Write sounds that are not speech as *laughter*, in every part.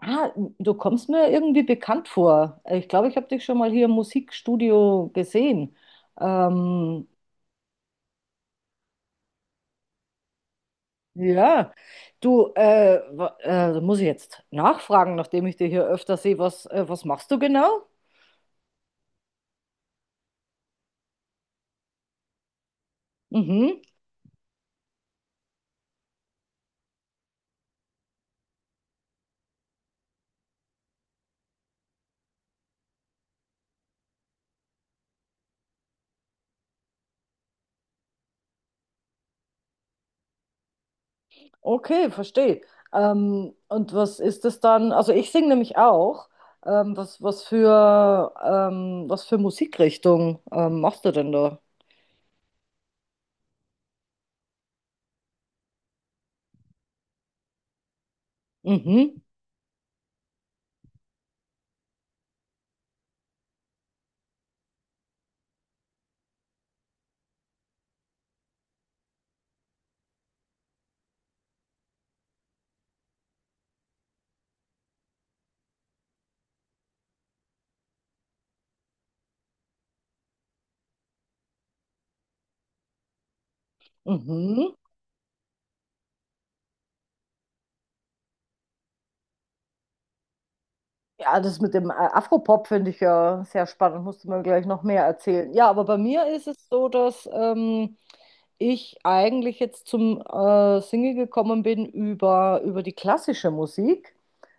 Ah, du kommst mir irgendwie bekannt vor. Ich glaube, ich habe dich schon mal hier im Musikstudio gesehen. Ähm, ja, du, da muss ich jetzt nachfragen, nachdem ich dich hier öfter sehe, was machst du genau? Mhm, okay, verstehe. Und was ist das dann? Also ich singe nämlich auch. Was für Musikrichtung machst du denn da? Mhm, mhm. Ja, das mit dem Afropop finde ich ja sehr spannend, musst du mir gleich noch mehr erzählen. Ja, aber bei mir ist es so, dass ich eigentlich jetzt zum Single gekommen bin über die klassische Musik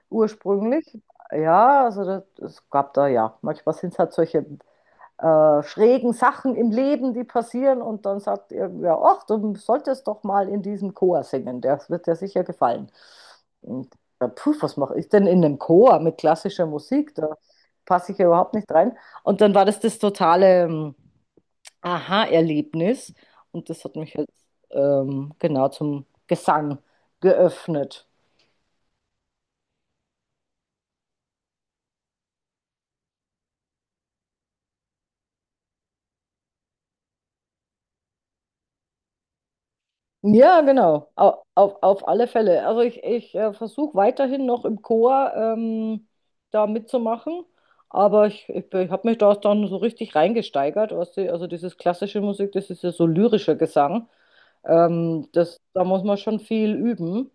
ursprünglich. Ja, also das, es gab da ja, manchmal sind es halt solche schrägen Sachen im Leben, die passieren. Und dann sagt irgendwer, ach, du solltest doch mal in diesem Chor singen, der wird dir sicher gefallen. Und ja, puh, was mache ich denn in einem Chor mit klassischer Musik? Da passe ich ja überhaupt nicht rein. Und dann war das das totale Aha-Erlebnis. Und das hat mich jetzt genau zum Gesang geöffnet. Ja, genau. Auf alle Fälle. Also ich versuche weiterhin noch im Chor da mitzumachen, aber ich habe mich da dann so richtig reingesteigert. Weißt du? Also dieses klassische Musik, das ist ja so lyrischer Gesang. Das, da muss man schon viel üben.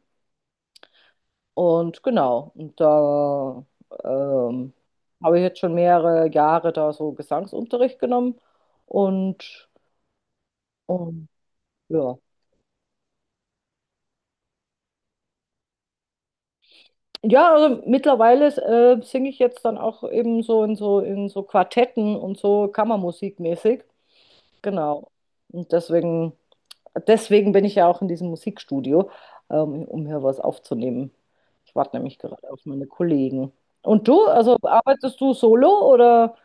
Und genau, und da ähm, habe ich jetzt schon mehrere Jahre da so Gesangsunterricht genommen und, und ja. Ja, also mittlerweile singe ich jetzt dann auch eben so in so Quartetten und so Kammermusikmäßig. Genau. Und deswegen bin ich ja auch in diesem Musikstudio, um hier was aufzunehmen. Ich warte nämlich gerade auf meine Kollegen. Und du, also arbeitest du solo oder?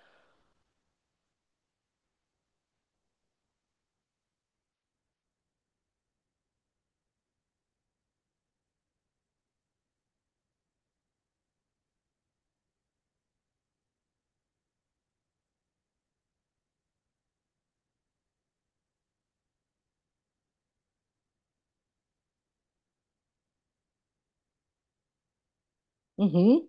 Mhm.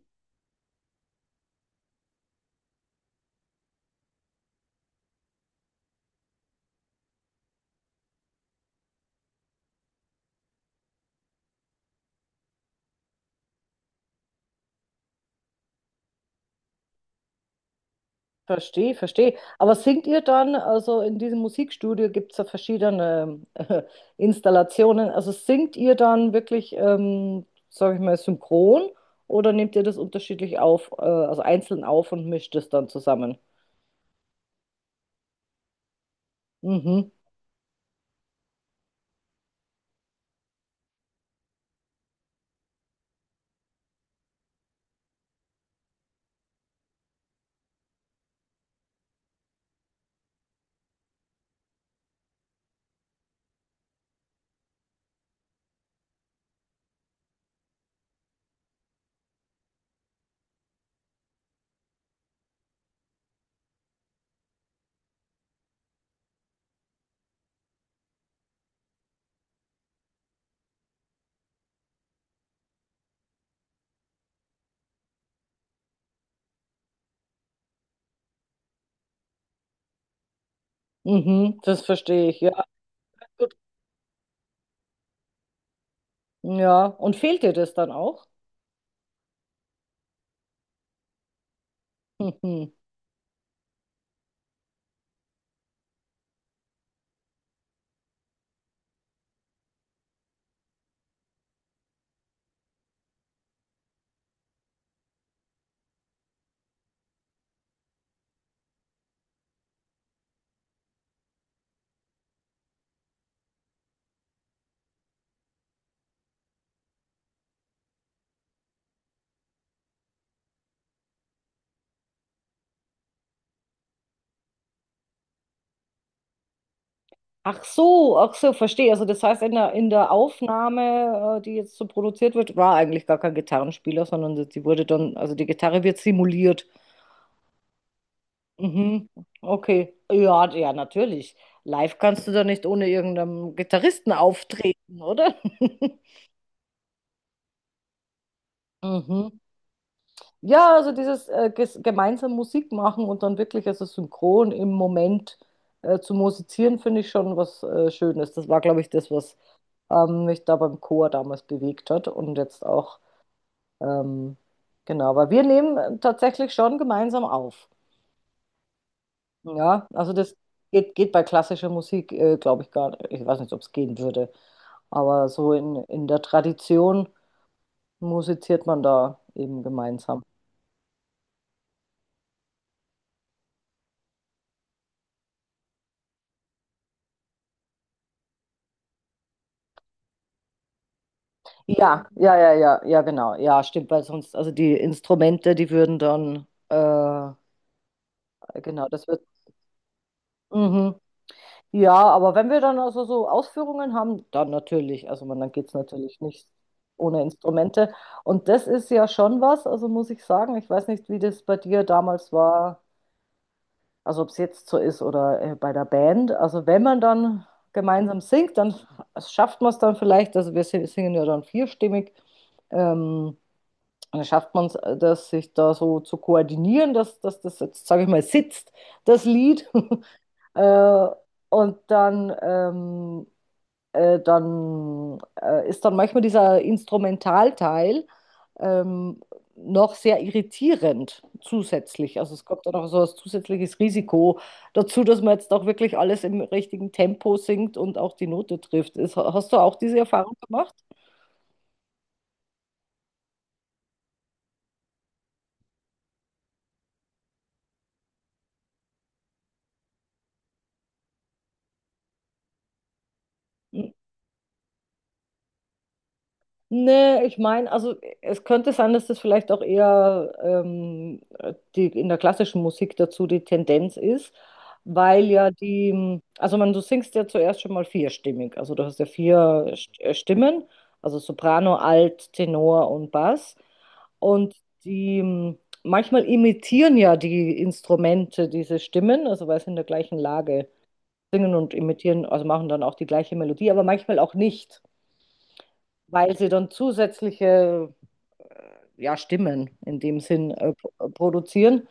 Verstehe, verstehe. Aber singt ihr dann, also in diesem Musikstudio gibt es ja verschiedene Installationen, also singt ihr dann wirklich, sage ich mal, synchron oder nehmt ihr das unterschiedlich auf, also einzeln auf und mischt es dann zusammen? Mhm, mhm, das verstehe ich, ja. Gut. Ja, und fehlt dir das dann auch? *laughs* Ach so, verstehe. Also das heißt, in in der Aufnahme, die jetzt so produziert wird, war eigentlich gar kein Gitarrenspieler, sondern sie die wurde dann, also die Gitarre wird simuliert. Mhm. Okay. Ja, ja, natürlich. Live kannst du da nicht ohne irgendeinen Gitarristen auftreten, oder? *laughs* Mhm. Ja, also dieses ges gemeinsam Musik machen und dann wirklich also synchron im Moment zu musizieren, finde ich schon was Schönes. Das war, glaube ich, das, was mich da beim Chor damals bewegt hat und jetzt auch, ähm, genau, aber wir nehmen tatsächlich schon gemeinsam auf. Ja, also das geht, geht bei klassischer Musik, glaube ich, gar nicht. Ich weiß nicht, ob es gehen würde, aber so in der Tradition musiziert man da eben gemeinsam. Ja, ja, ja, ja, ja, genau. Ja, stimmt, weil sonst, also die Instrumente, die würden dann, genau, das wird. Mhm. Ja, aber wenn wir dann also so Ausführungen haben, dann natürlich. Also man, dann geht es natürlich nicht ohne Instrumente. Und das ist ja schon was, also muss ich sagen. Ich weiß nicht, wie das bei dir damals war, also ob es jetzt so ist oder bei der Band. Also wenn man dann gemeinsam singt, dann schafft man es dann vielleicht, also wir si- singen ja dann vierstimmig, ähm, dann schafft man es, das sich da so zu koordinieren, dass das jetzt, sage ich mal, sitzt, das Lied. *laughs* äh, und dann ist dann manchmal dieser Instrumentalteil ähm, noch sehr irritierend zusätzlich. Also es kommt dann auch so ein zusätzliches Risiko dazu, dass man jetzt auch wirklich alles im richtigen Tempo singt und auch die Note trifft. Ist, hast du auch diese Erfahrung gemacht? Hm. Nee, ich meine, also es könnte sein, dass das vielleicht auch eher die, in der klassischen Musik dazu die Tendenz ist, weil ja die, also man, du singst ja zuerst schon mal vierstimmig, also du hast ja vier Stimmen, also Soprano, Alt, Tenor und Bass. Und die, manchmal imitieren ja die Instrumente diese Stimmen, also weil sie in der gleichen Lage singen und imitieren, also machen dann auch die gleiche Melodie, aber manchmal auch nicht, weil sie dann zusätzliche ja, Stimmen in dem Sinn produzieren.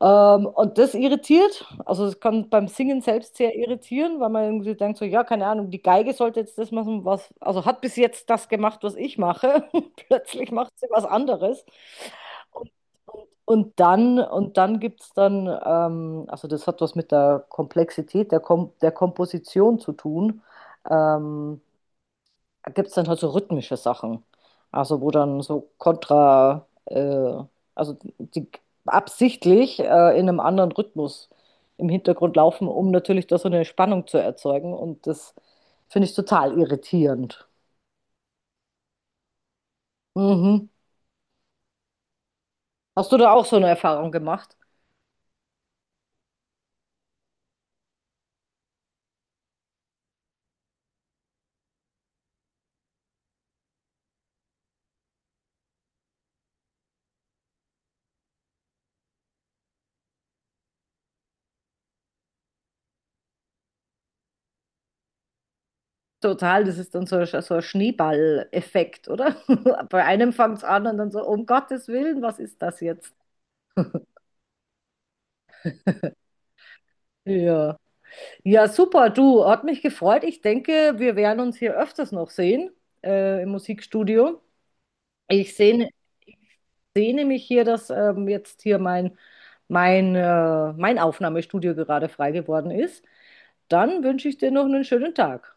Und das irritiert, also es kann beim Singen selbst sehr irritieren, weil man irgendwie denkt so, ja, keine Ahnung, die Geige sollte jetzt das machen, was, also hat bis jetzt das gemacht, was ich mache, *laughs* plötzlich macht sie was anderes. Und, und dann gibt es dann, also das hat was mit der Komplexität der, Kom der Komposition zu tun. Ähm, gibt es dann halt so rhythmische Sachen. Also wo dann so kontra, also die absichtlich in einem anderen Rhythmus im Hintergrund laufen, um natürlich da so eine Spannung zu erzeugen. Und das finde ich total irritierend. Mhm. Hast du da auch so eine Erfahrung gemacht? Total, das ist dann so, so ein Schneeball-Effekt, oder? *laughs* Bei einem fängt es an und dann so, um Gottes Willen, was ist das jetzt? Ja. Ja, super, du, hat mich gefreut. Ich denke, wir werden uns hier öfters noch sehen, im Musikstudio. Ich sehne, ich sehne mich hier, dass jetzt hier mein Aufnahmestudio gerade frei geworden ist. Dann wünsche ich dir noch einen schönen Tag.